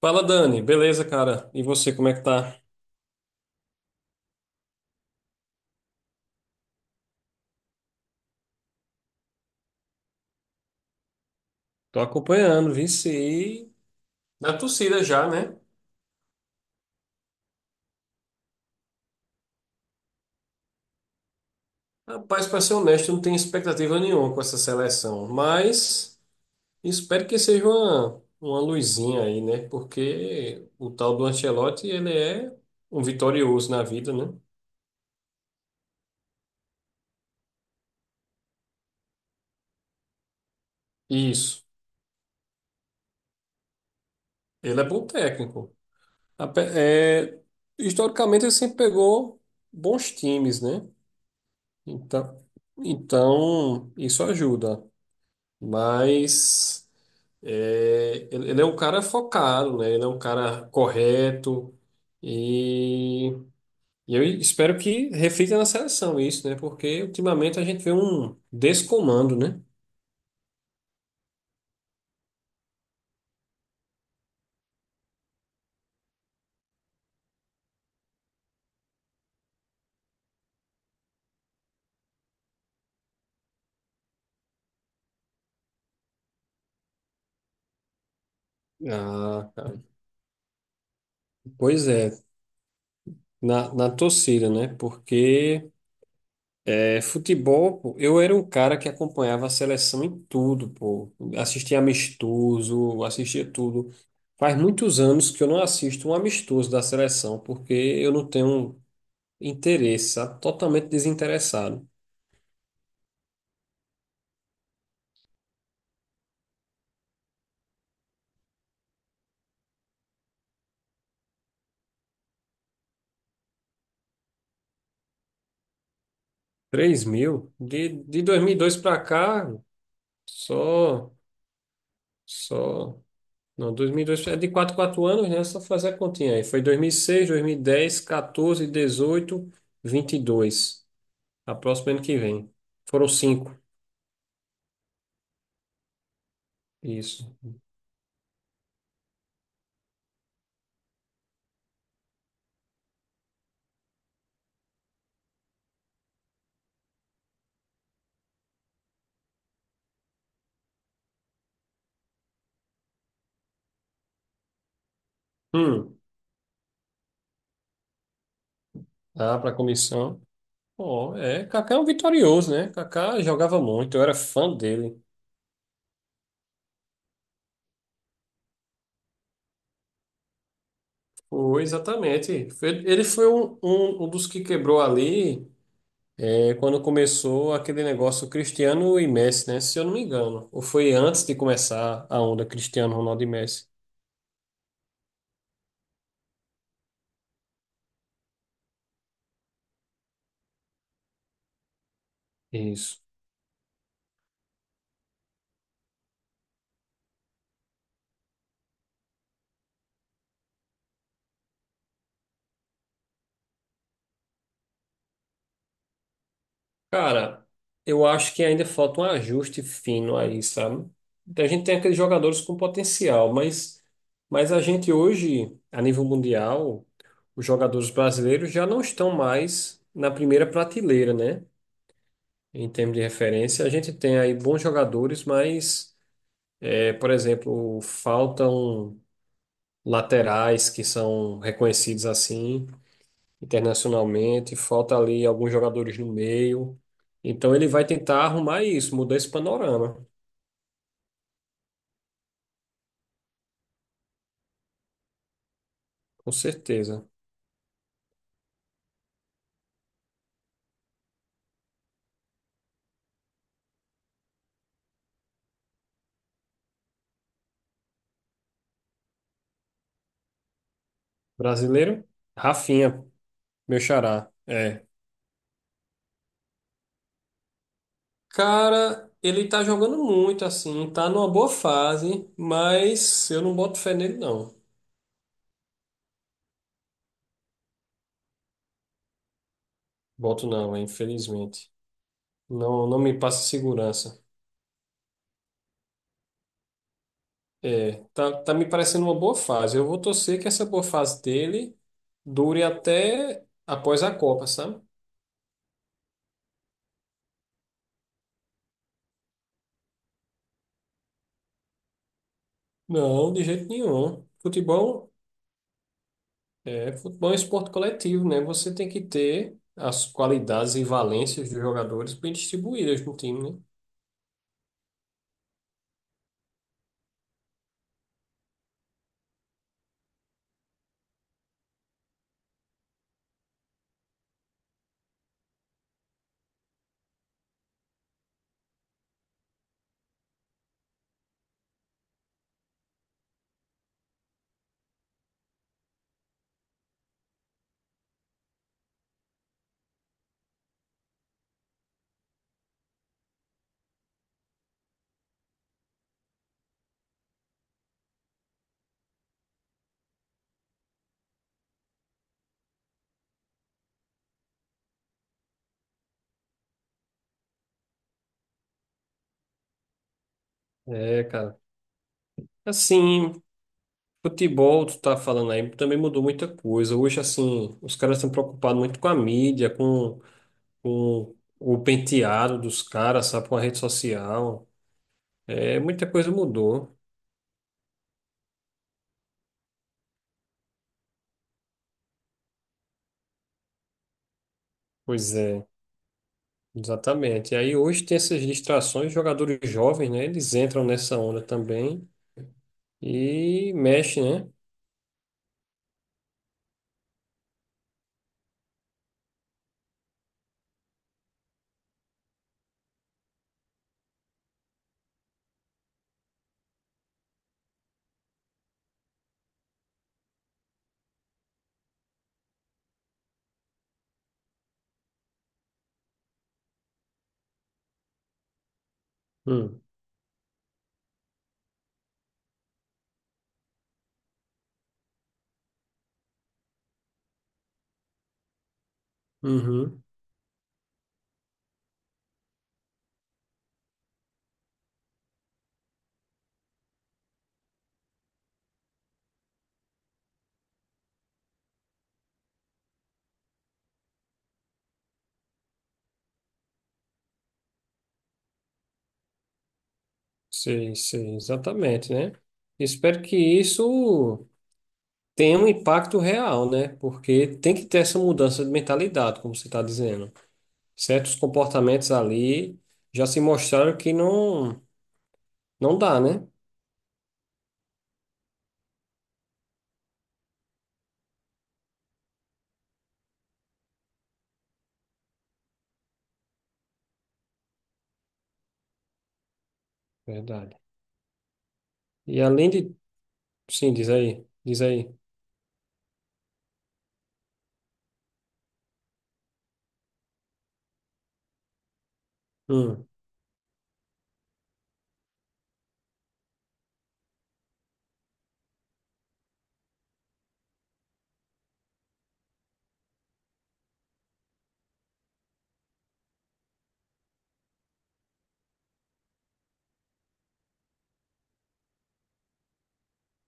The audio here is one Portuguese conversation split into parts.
Fala, Dani. Beleza, cara? E você, como é que tá? Tô acompanhando, vici. Na torcida já, né? Rapaz, pra ser honesto, eu não tenho expectativa nenhuma com essa seleção. Mas espero que seja uma luzinha aí, né? Porque o tal do Ancelotti, ele é um vitorioso na vida, né? Isso. Ele é bom técnico. É, historicamente, ele sempre pegou bons times, né? Então, então isso ajuda. Mas é, ele é um cara focado, né? Ele é um cara correto e, e eu espero que reflita na seleção isso, né? Porque ultimamente a gente vê um descomando, né? Ah, cara. Pois é, na torcida, né? Porque é, futebol, pô, eu era um cara que acompanhava a seleção em tudo, pô. Assistia amistoso, assistia tudo. Faz muitos anos que eu não assisto um amistoso da seleção, porque eu não tenho interessa, totalmente desinteressado. Três mil? De 2002 para cá, só, só. Não, 2002 é de quatro anos, né? Só fazer a continha aí. Foi dois mil seis, 2010, 2006, 18, 22. A próxima ano que vem. Foram cinco. Isso. Hum, dá para comissão. Ó, é, Kaká é um vitorioso, né? Kaká jogava muito, eu era fã dele. Foi, exatamente. Ele foi um, um dos que quebrou ali. Foi quando começou aquele negócio Cristiano e Messi, né? Se eu não me engano. Ou foi antes de começar a onda Cristiano, Ronaldo e Messi? Isso. Cara, eu acho que ainda falta um ajuste fino aí, sabe? A gente tem aqueles jogadores com potencial, mas a gente hoje, a nível mundial, os jogadores brasileiros já não estão mais na primeira prateleira, né? Em termos de referência, a gente tem aí bons jogadores, mas, é, por exemplo, faltam laterais que são reconhecidos assim internacionalmente, falta ali alguns jogadores no meio. Então ele vai tentar arrumar isso, mudar esse panorama, com certeza. Brasileiro? Rafinha, meu xará. É. Cara, ele tá jogando muito assim, tá numa boa fase, mas eu não boto fé nele não. Boto não, é, infelizmente. Não me passa segurança. É, tá me parecendo uma boa fase. Eu vou torcer que essa boa fase dele dure até após a Copa, sabe? Não, de jeito nenhum. Futebol É, futebol é um esporte coletivo, né? Você tem que ter as qualidades e valências dos jogadores bem distribuídas no time, né? É, cara. Assim, futebol, tu tá falando aí, também mudou muita coisa. Hoje, assim, os caras estão preocupados muito com a mídia, com o penteado dos caras, sabe? Com a rede social. É, muita coisa mudou. Pois é, exatamente. E aí hoje tem essas distrações, jogadores jovens, né? Eles entram nessa onda também e mexem, né? Hum, uhum. Sei, sei, exatamente, né? Espero que isso tenha um impacto real, né? Porque tem que ter essa mudança de mentalidade, como você está dizendo. Certos comportamentos ali já se mostraram que não dá, né? Verdade. E além de... Sim, diz aí, diz aí. Hum.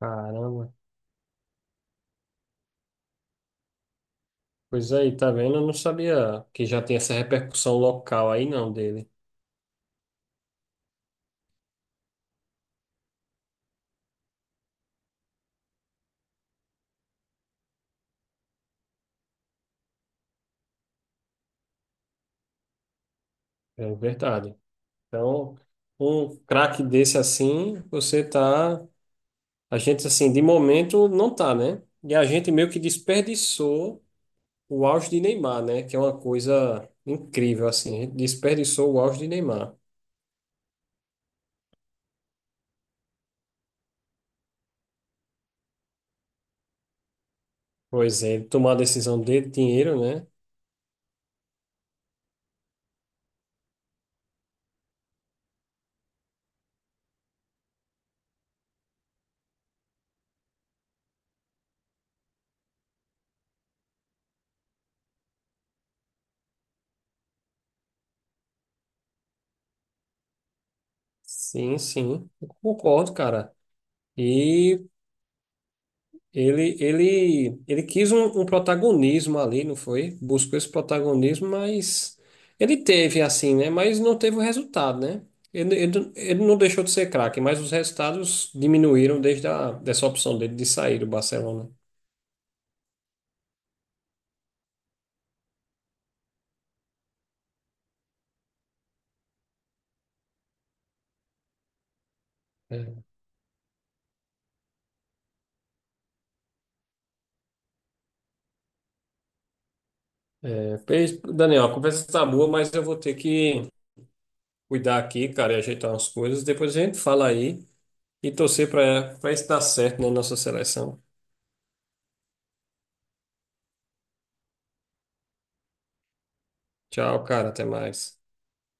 Caramba. Pois aí, tá vendo? Eu não sabia que já tem essa repercussão local aí, não, dele. É verdade. Então, um craque desse assim, você tá. A gente, assim, de momento não tá, né? E a gente meio que desperdiçou o auge de Neymar, né? Que é uma coisa incrível, assim. A gente desperdiçou o auge de Neymar. Pois é, ele tomou a decisão dele, dinheiro, né? Sim, sim. Eu concordo, cara. E. Ele quis um, um protagonismo ali, não foi? Buscou esse protagonismo, mas ele teve assim, né? Mas não teve o resultado, né? Ele não deixou de ser craque, mas os resultados diminuíram desde a, dessa opção dele de sair do Barcelona. É, pois, Daniel, a conversa tá boa, mas eu vou ter que cuidar aqui, cara, e ajeitar umas coisas. Depois a gente fala aí e torcer para isso dar certo na nossa seleção. Tchau, cara, até mais.